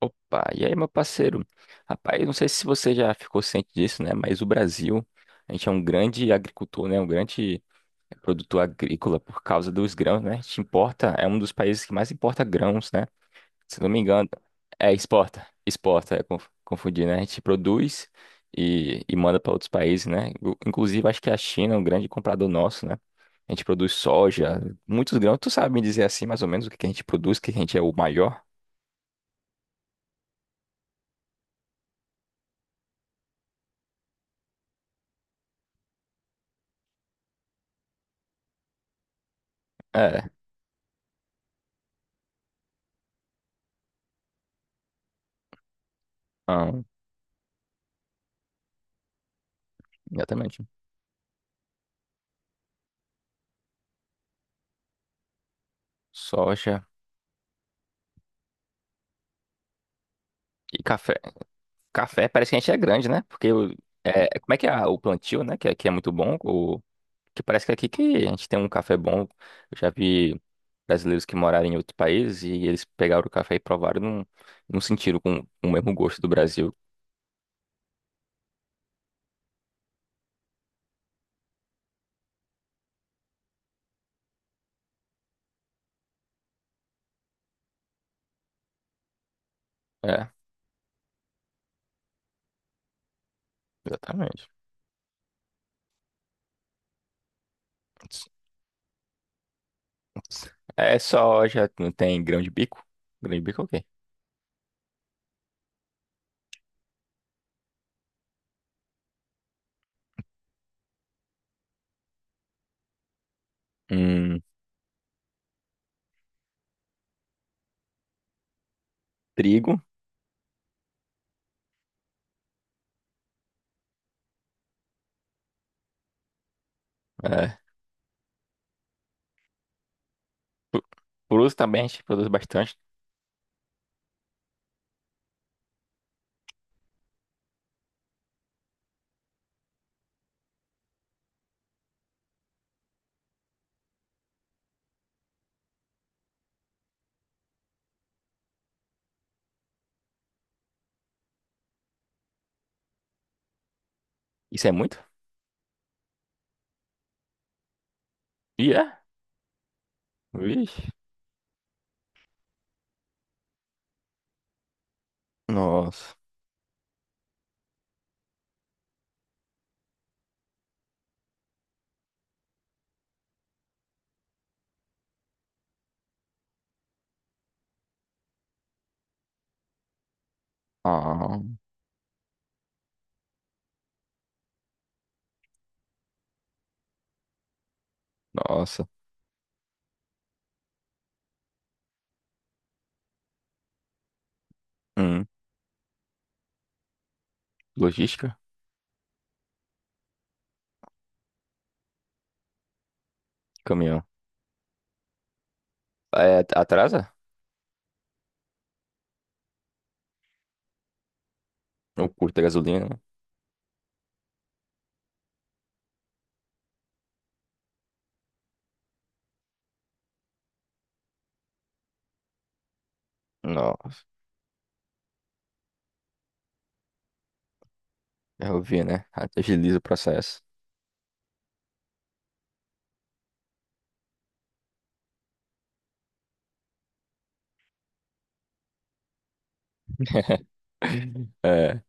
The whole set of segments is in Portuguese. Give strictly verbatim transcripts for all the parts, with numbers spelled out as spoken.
Opa, e aí, meu parceiro? Rapaz, não sei se você já ficou ciente disso, né? Mas o Brasil, a gente é um grande agricultor, né? Um grande é, produtor agrícola por causa dos grãos, né? A gente importa, é um dos países que mais importa grãos, né? Se não me engano, é exporta, exporta, é conf- confundir, né? A gente produz e, e manda para outros países, né? Inclu- Inclusive, acho que a China é um grande comprador nosso, né? A gente produz soja, muitos grãos. Tu sabe me dizer assim, mais ou menos, o que que a gente produz, o que que a gente é o maior? É. Então, exatamente. Soja e café. Café parece que a gente é grande, né? Porque o- é, como é que é a- o plantio, né? Que aqui é muito bom. O, que parece que aqui que a gente tem um café bom. Eu já vi brasileiros que moraram em outros países e eles pegaram o café e provaram e não, não sentiram com o mesmo gosto do Brasil. É, exatamente. É soja, não tem grão de bico. Grão de bico é o quê? Hum, trigo. É. Fru- Fruta também a gente produz bastante. Isso é muito? E é? Vixe. Nossa. Ah, nossa. Hum. Logística? Caminhão. É, atrasa? Ou curta a gasolina, né? Nossa. Eu vi, né? Agiliza o processo. É,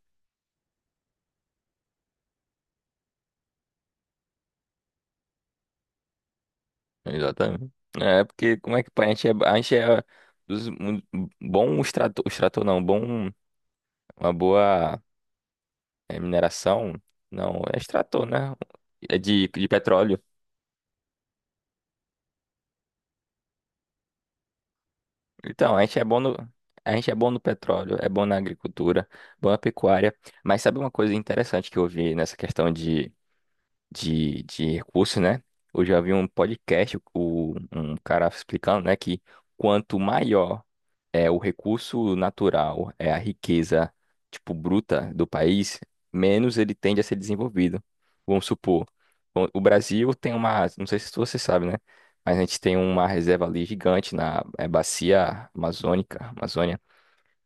exatamente. É, porque como é que põe? A gente é, a gente é dos, um, bom extrator, extrator não, bom, uma boa é, mineração, não, é extrator, né? É de, de petróleo. Então, a gente é bom no, a gente é bom no petróleo, é bom na agricultura, bom na pecuária, mas sabe uma coisa interessante que eu vi nessa questão de, de, de recursos, né? Eu já vi um podcast, o, um cara explicando, né, que quanto maior é o recurso natural, é a riqueza, tipo, bruta do país, menos ele tende a ser desenvolvido. Vamos supor, o o Brasil tem uma, não sei se você sabe, né? Mas a gente tem uma reserva ali gigante na eh, bacia amazônica, Amazônia,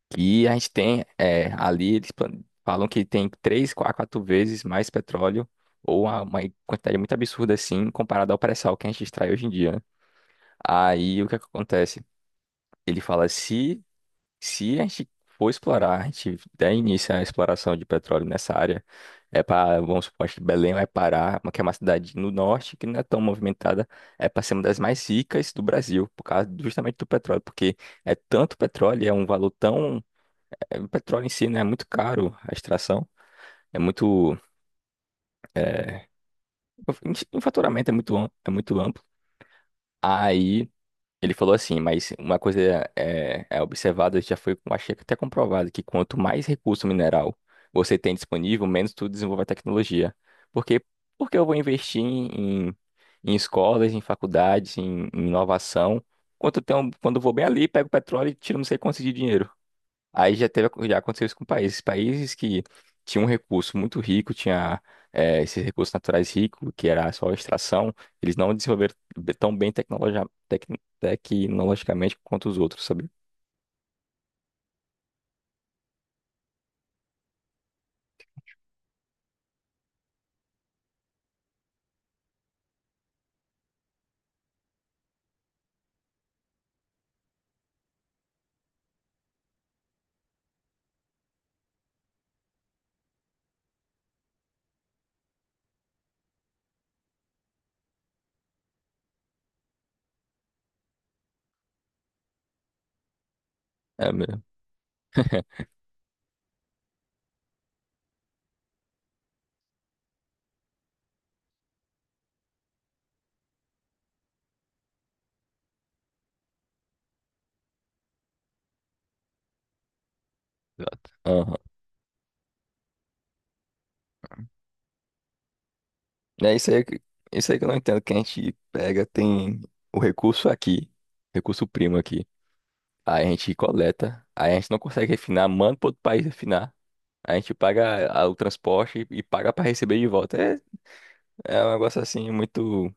que a gente tem eh, ali, eles plan- falam que tem três, quatro quatro vezes mais petróleo, ou uma, uma quantidade muito absurda assim, comparado ao pré-sal que a gente extrai hoje em dia, né? Aí o que é que acontece? Ele fala, se se a gente for explorar, a gente der início à exploração de petróleo nessa área, é para, vamos supor, que Belém vai parar, que é uma cidade no norte que não é tão movimentada, é para ser uma das mais ricas do Brasil, por causa justamente do petróleo, porque é tanto petróleo, é um valor tão. é, O petróleo em si, né, é muito caro a extração, é muito. é, o faturamento é muito, am- é muito amplo. Aí. Ele falou assim, mas uma coisa é, é observada, já foi, achei que até comprovado, que quanto mais recurso mineral você tem disponível, menos tu desenvolve a tecnologia. Porque, porque eu vou investir em, em em escolas, em faculdades, em, em inovação, quando eu tenho, quando eu vou bem ali, pego petróleo e tiro não sei quanto de dinheiro. Aí já teve, já aconteceu isso com países. Países que tinham um recurso muito rico, tinha eh, esses recursos naturais ricos, que era só extração, eles não desenvolveram be- tão bem tecnologia, tec- tecnologicamente quanto os outros, sabe? É mesmo. Exato. Aham. É isso aí, que- isso aí que eu não entendo, que a gente pega, tem o recurso aqui, recurso primo aqui, aí a gente coleta, aí a gente não consegue refinar, manda para outro país refinar, aí a gente paga a- o transporte e paga para receber de volta. É. É um negócio assim muito.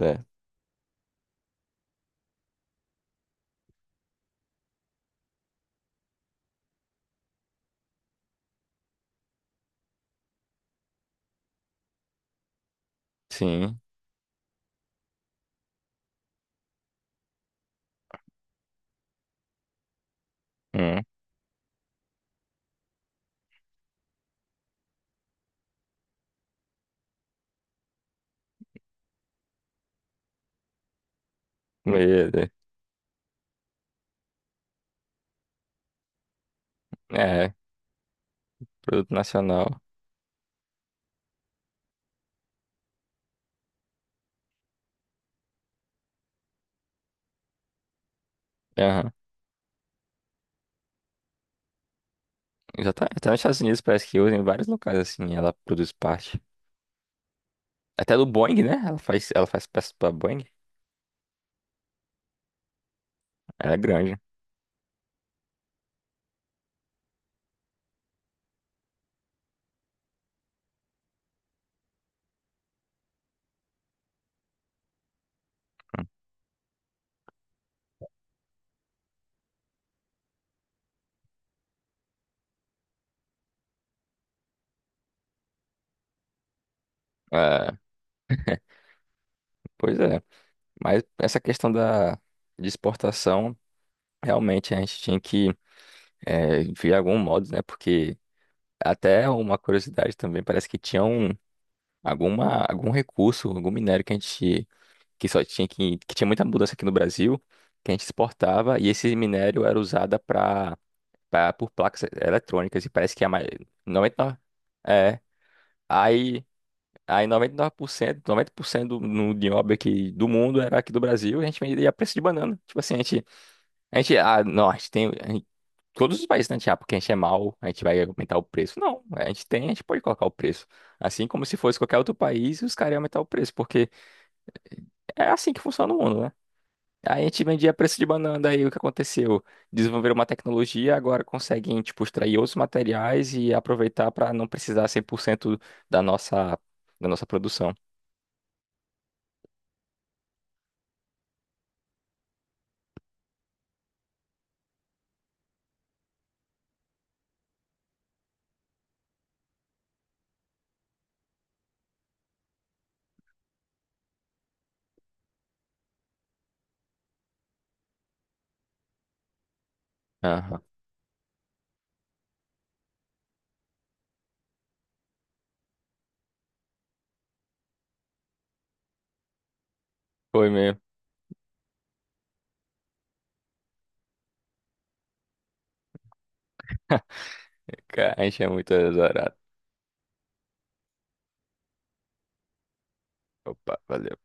É, sim. Hum. Medo. É, produto nacional. Aham. Já tá, tá nos Estados Unidos, parece que usa em vários locais assim. Ela produz parte. Até do Boeing, né? Ela faz, ela faz peças pra Boeing. Ela é grande. Hum. É, pois é. Mas essa questão da, de exportação, realmente a gente tinha que é, ver de algum modo, né? Porque até uma curiosidade também, parece que tinha um, alguma, algum recurso, algum minério que a gente que só tinha que, que tinha muita mudança aqui no Brasil, que a gente exportava e esse minério era usado para por placas eletrônicas e parece que a mais noventa e nove é, aí aí noventa e nove por cento, noventa por cento do, no, de obra aqui do mundo era aqui do Brasil e a gente vendia a preço de banana. Tipo assim, a gente a gente ah, não, a gente tem a gente- Todos os países, né? Tipo, ah, porque a gente é mau, a gente vai aumentar o preço. Não, a gente tem, a gente pode colocar o preço. Assim como se fosse qualquer outro país, os caras iam aumentar o preço, porque é assim que funciona o mundo, né? Aí a gente vendia preço de banana, daí o que aconteceu? Desenvolveram uma tecnologia, agora conseguem, tipo, extrair outros materiais e aproveitar para não precisar cem por cento da nossa, da nossa produção. Aham. Foi mesmo. Cara, a gente é muito azarado. Opa, valeu.